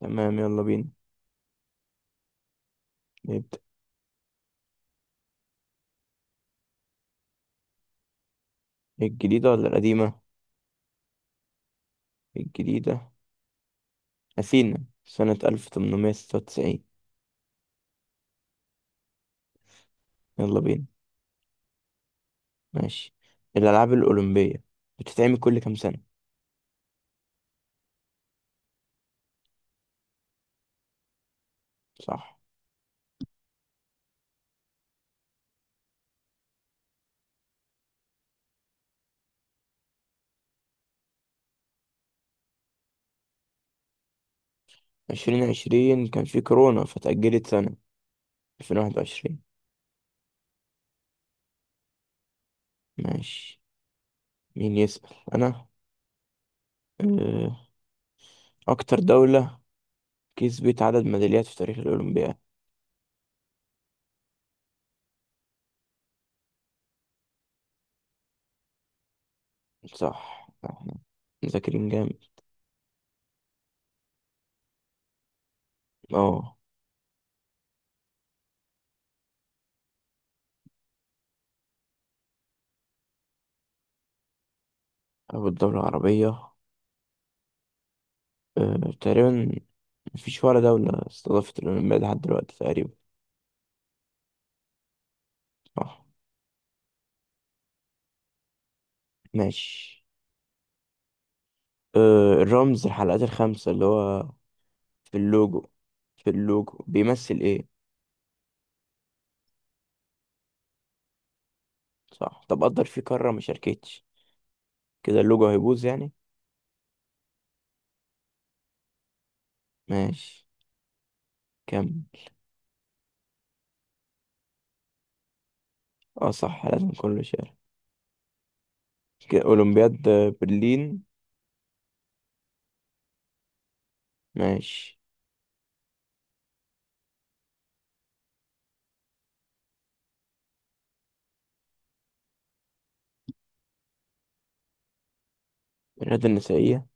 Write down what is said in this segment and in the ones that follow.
تمام، يلا بينا نبدأ. الجديدة ولا القديمة؟ الجديدة. أثينا سنة 1896. يلا بينا. ماشي. الألعاب الأولمبية بتتعمل كل كام سنة؟ صح. 2020 كان في كورونا فتأجلت سنة. 2021. ماشي. مين يسأل؟ أنا. أه، أكتر دولة كسبت عدد ميداليات في تاريخ الأولمبياد. صح، احنا مذاكرين جامد. اه. أول دولة عربية، تقريبا مفيش ولا دولة استضافت الأولمبياد لحد دلوقتي تقريبا. صح. ماشي. الرمز الحلقات الخمسة اللي هو في اللوجو، في اللوجو بيمثل ايه؟ صح، طب قدر في قارة ما شاركتش، كده اللوجو هيبوظ يعني. ماشي، كمل. اه صح، لازم كله شارك. كده أولمبياد برلين. ماشي. الرياضة النسائية.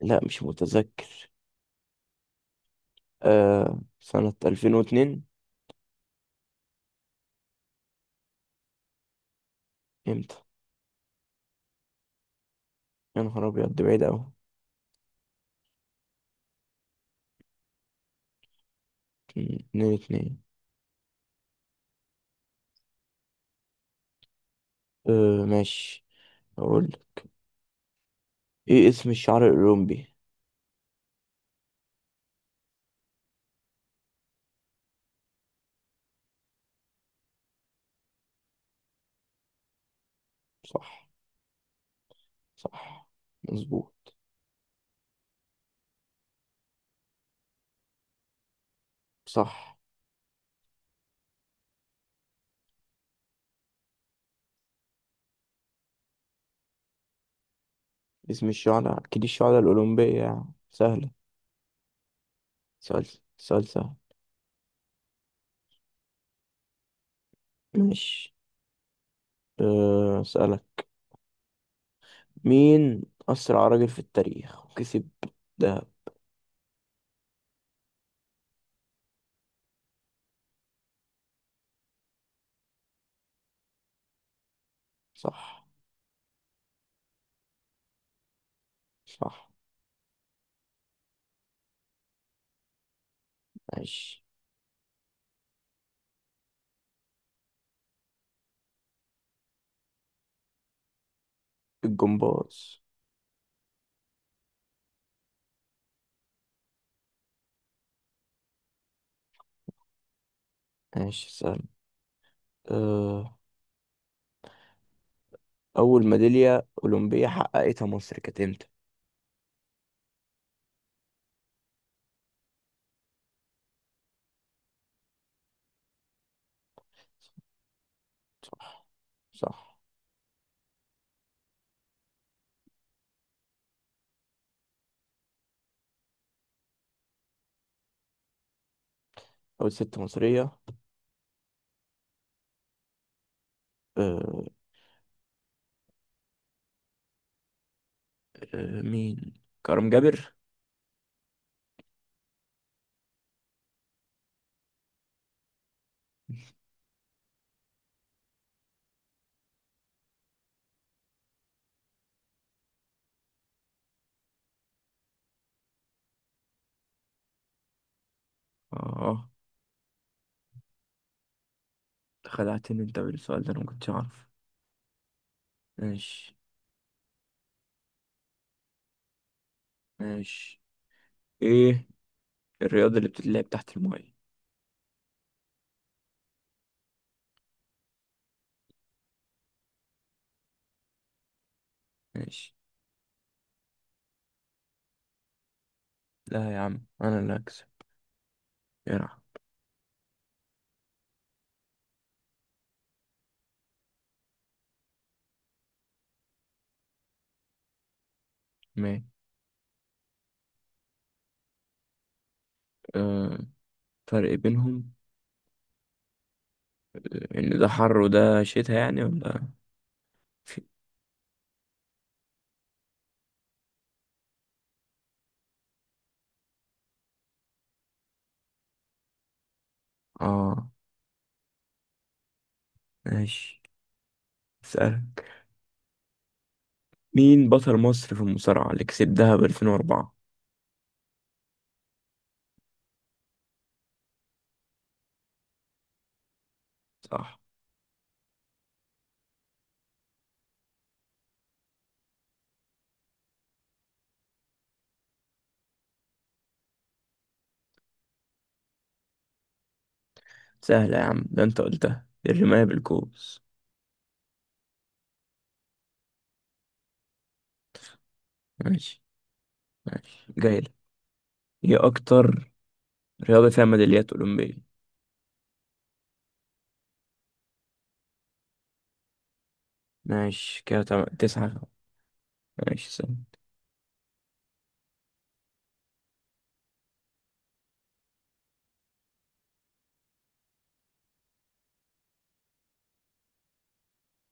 لا، مش متذكر. سنة 2002. امتى؟ يا نهار أبيض، دي بعيدة أوي. 2-2. أه ماشي. أقول إيه اسم الشعر الأولمبي؟ صح، صح مظبوط. صح. اسم الشعر أكيد الشعر الأولمبية يعني، سهلة. سؤال سؤال سهل. ماشي، أسألك، مين أسرع راجل في التاريخ وكسب دهب؟ صح، صح. ماشي. الجمباز. ماشي، سهل. أه أول ميدالية أولمبية حققتها مصر كانت إمتى؟ صح. أول ست مصرية. أه أه مين، كرم جابر. اه، خدعتني انت بالسؤال ده، انا ما كنتش اعرف. ماشي. ماشي، ايه الرياضة اللي بتتلعب تحت الماية؟ ماشي. لا يا عم، انا اللي هكسب. يلعب. ماشي. آه. فرق بينهم، ان ده حر وده شتا يعني، ولا؟ في. اه ماشي، اسألك مين بطل مصر في المصارعة اللي كسبها ب 2004؟ صح. سهلة يا عم، ده انت قلتها، الرماية بالكوس. ماشي. ماشي، جايلك، ايه اكتر رياضة فيها ميداليات أولمبية؟ ماشي كده، تمام، تسعة. ماشي، استنى.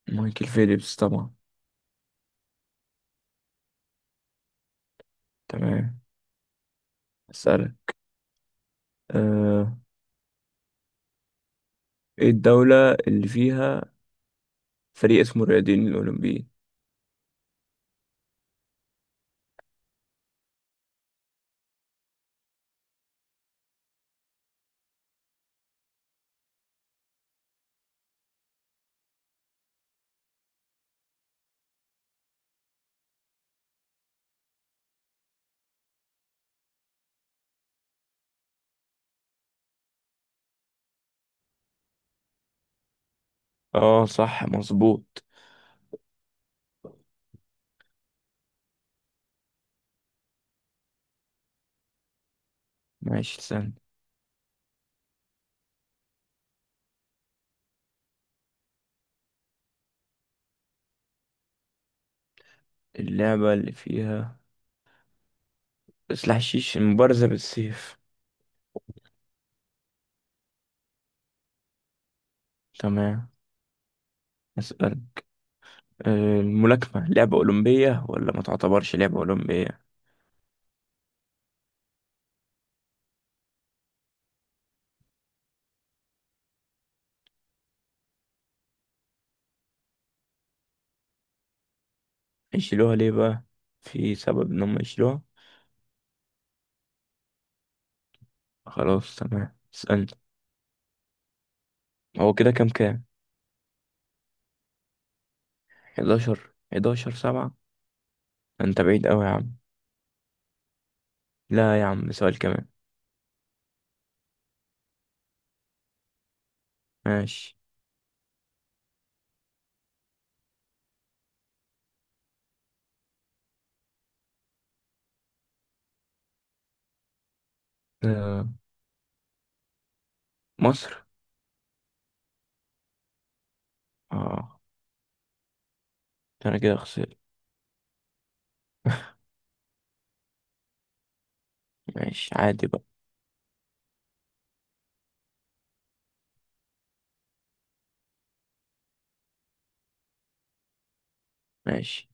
مايكل فيليبس طبعا. تمام. أسألك، آه. ايه الدولة اللي فيها فريق اسمه الرياضيين الأولمبيين؟ اه صح، مظبوط. ماشي، استنى. اللعبة اللي فيها سلاح الشيش، المبارزة بالسيف. تمام. أسأل، الملاكمة لعبة أولمبية ولا ما تعتبرش لعبة أولمبية؟ يشيلوها ليه بقى؟ في سبب إن هم يشيلوها؟ خلاص، تمام، اسألني. هو كده كام كام؟ 11 11 7. انت بعيد قوي يا عم. لا يا عم، سؤال كمان. ماشي. آه، مصر. اه. ده انا كده خسرت. ماشي، عادي بقى. ماشي.